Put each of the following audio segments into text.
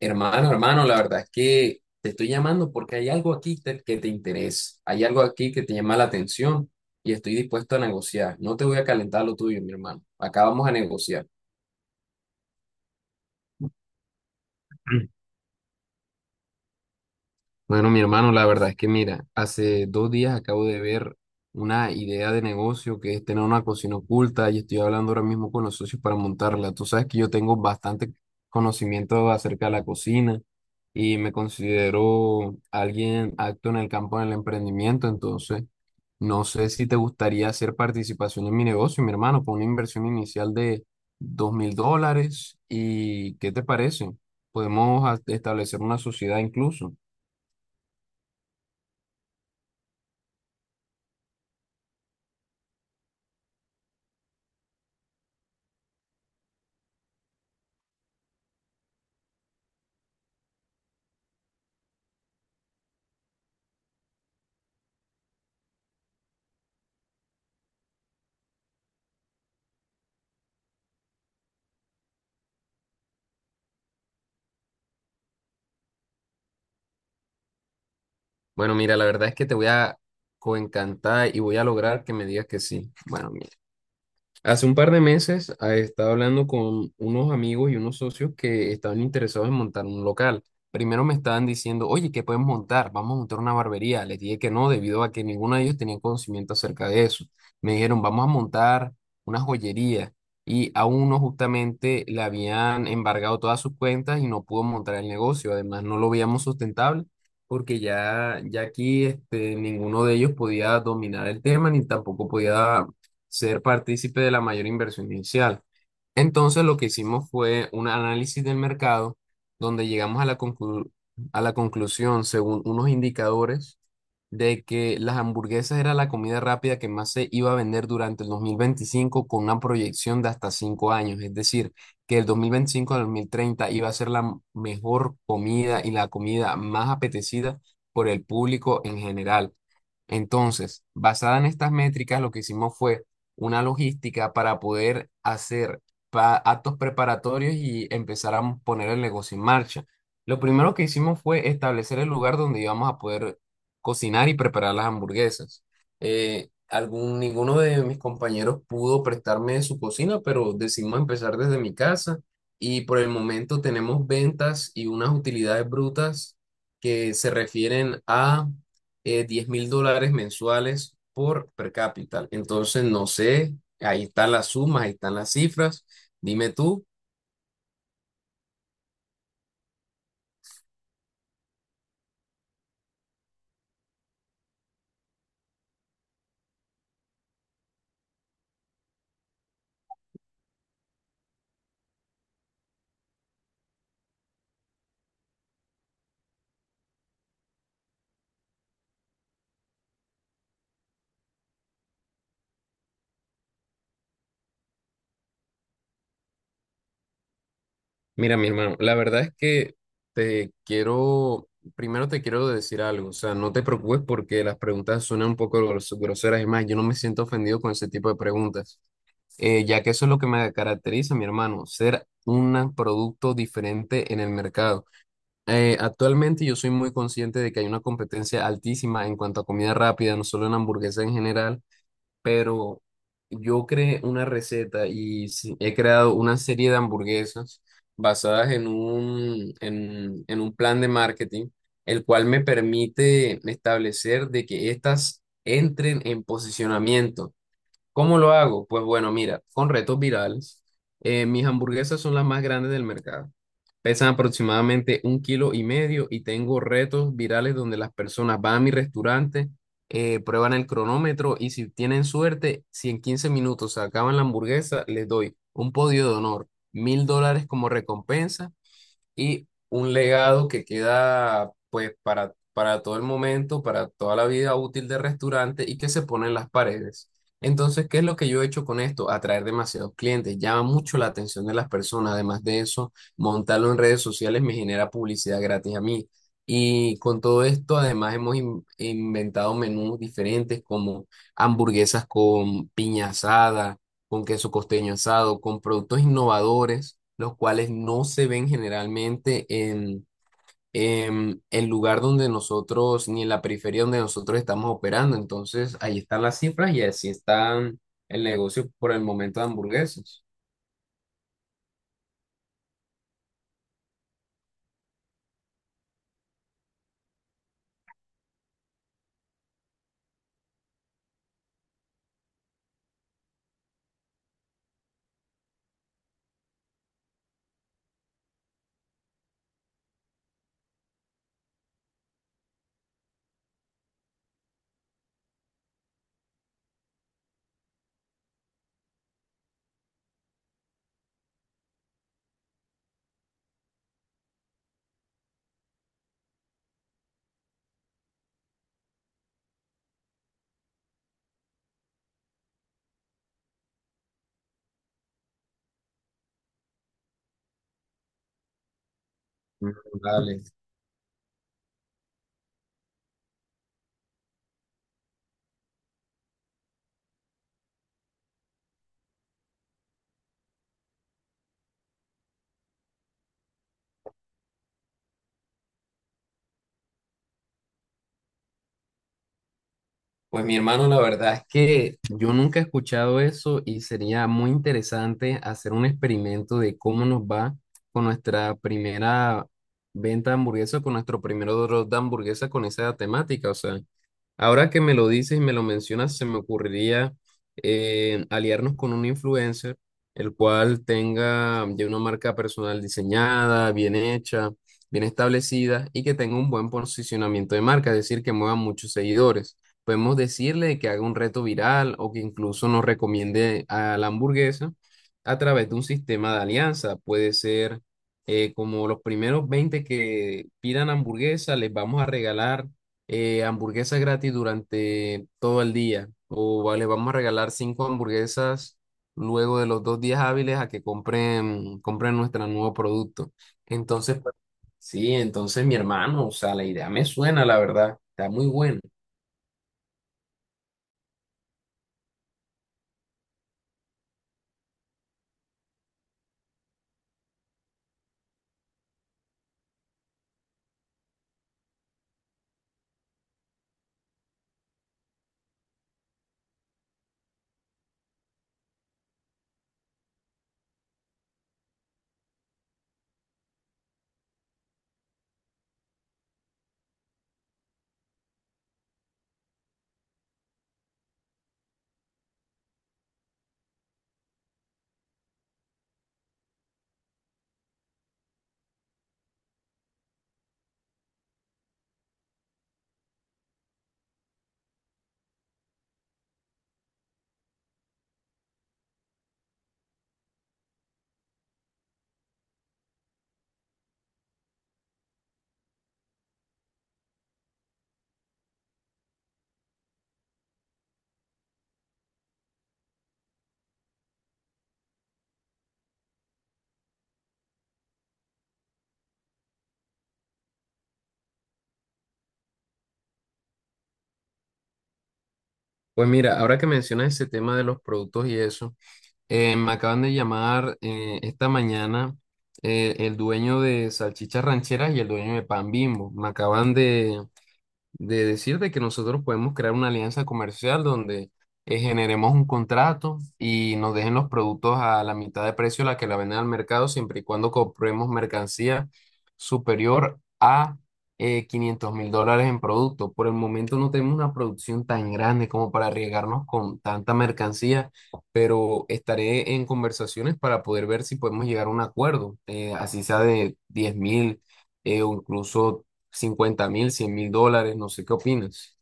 Hermano, hermano, la verdad es que te estoy llamando porque hay algo aquí que te interesa, hay algo aquí que te llama la atención y estoy dispuesto a negociar. No te voy a calentar lo tuyo, mi hermano. Acá vamos a negociar. Bueno, mi hermano, la verdad es que mira, hace 2 días acabo de ver una idea de negocio que es tener una cocina oculta y estoy hablando ahora mismo con los socios para montarla. Tú sabes que yo tengo bastante conocimiento acerca de la cocina y me considero alguien acto en el campo del emprendimiento, entonces no sé si te gustaría hacer participación en mi negocio, mi hermano, con una inversión inicial de $2,000 y ¿qué te parece? Podemos establecer una sociedad incluso. Bueno, mira, la verdad es que te voy a coencantar y voy a lograr que me digas que sí. Bueno, mi hace un par de meses estaba hablando con unos amigos y unos socios que estaban interesados en montar un local. Primero me estaban diciendo, oye, ¿qué pueden montar? Vamos a montar una barbería. Les dije que no, debido a que ninguno de ellos tenía conocimiento acerca de eso. Me dijeron, vamos a montar una joyería. Y a uno justamente le habían embargado todas sus cuentas y no pudo montar el negocio. Además, no lo veíamos sustentable porque ya, ya aquí ninguno de ellos podía dominar el tema ni tampoco podía ser partícipe de la mayor inversión inicial. Entonces lo que hicimos fue un análisis del mercado donde llegamos a la conclusión, según unos indicadores, de que las hamburguesas era la comida rápida que más se iba a vender durante el 2025 con una proyección de hasta 5 años. Es decir, que el 2025 al 2030 iba a ser la mejor comida y la comida más apetecida por el público en general. Entonces, basada en estas métricas, lo que hicimos fue una logística para poder hacer actos preparatorios y empezar a poner el negocio en marcha. Lo primero que hicimos fue establecer el lugar donde íbamos a poder cocinar y preparar las hamburguesas. Ninguno de mis compañeros pudo prestarme su cocina, pero decidimos empezar desde mi casa y por el momento tenemos ventas y unas utilidades brutas que se refieren a 10 mil dólares mensuales por per cápita. Entonces, no sé, ahí están las sumas, ahí están las cifras. Dime tú. Mira, mi hermano, la verdad es que te quiero, primero te quiero decir algo, o sea, no te preocupes porque las preguntas suenan un poco groseras y más, yo no me siento ofendido con ese tipo de preguntas, ya que eso es lo que me caracteriza, mi hermano, ser un producto diferente en el mercado. Actualmente yo soy muy consciente de que hay una competencia altísima en cuanto a comida rápida, no solo en hamburguesas en general, pero yo creé una receta y sí, he creado una serie de hamburguesas basadas en un plan de marketing, el cual me permite establecer de que estas entren en posicionamiento. ¿Cómo lo hago? Pues bueno, mira, con retos virales, mis hamburguesas son las más grandes del mercado. Pesan aproximadamente un kilo y medio y tengo retos virales donde las personas van a mi restaurante, prueban el cronómetro y si tienen suerte, si en 15 minutos se acaban la hamburguesa, les doy un podio de honor, $1,000 como recompensa y un legado que queda pues para todo el momento, para toda la vida útil del restaurante y que se pone en las paredes. Entonces, ¿qué es lo que yo he hecho con esto? Atraer demasiados clientes, llama mucho la atención de las personas. Además de eso, montarlo en redes sociales me genera publicidad gratis a mí. Y con todo esto, además, hemos inventado menús diferentes como hamburguesas con piña asada con queso costeño asado, con productos innovadores, los cuales no se ven generalmente en el lugar donde nosotros, ni en la periferia donde nosotros estamos operando. Entonces, ahí están las cifras y así está el negocio por el momento de hamburguesas. Mm. Dale. Pues mi hermano, la verdad es que yo nunca he escuchado eso y sería muy interesante hacer un experimento de cómo nos va con nuestra primera venta de hamburguesa, con nuestro primer drop de hamburguesa con esa temática. O sea, ahora que me lo dices y me lo mencionas, se me ocurriría aliarnos con un influencer, el cual tenga ya una marca personal diseñada, bien hecha, bien establecida y que tenga un buen posicionamiento de marca, es decir, que mueva muchos seguidores. Podemos decirle que haga un reto viral o que incluso nos recomiende a la hamburguesa a través de un sistema de alianza. Puede ser como los primeros 20 que pidan hamburguesa, les vamos a regalar hamburguesas gratis durante todo el día. O vale, vamos a regalar 5 hamburguesas luego de los 2 días hábiles a que compren nuestro nuevo producto. Entonces, pues, sí, entonces mi hermano, o sea, la idea me suena, la verdad, está muy buena. Pues mira, ahora que mencionas ese tema de los productos y eso, me acaban de llamar, esta mañana, el dueño de Salchichas Rancheras y el dueño de Pan Bimbo. Me acaban de decirte que nosotros podemos crear una alianza comercial donde generemos un contrato y nos dejen los productos a la mitad de precio a la que la venden al mercado, siempre y cuando compremos mercancía superior a $500,000 en producto. Por el momento no tenemos una producción tan grande como para arriesgarnos con tanta mercancía, pero estaré en conversaciones para poder ver si podemos llegar a un acuerdo, así sea de 10.000. O incluso 50.000, $100,000, no sé qué opinas.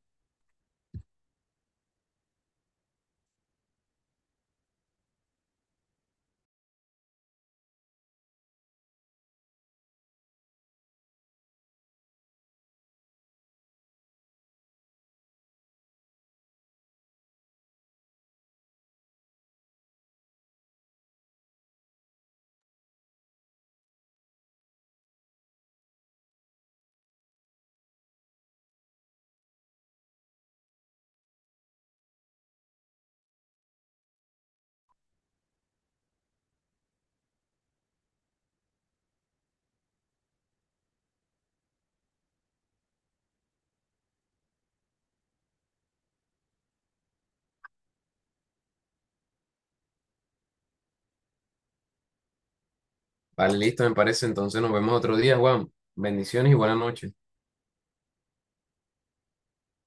Vale, listo, me parece. Entonces nos vemos otro día, Juan. Bendiciones y buenas noches.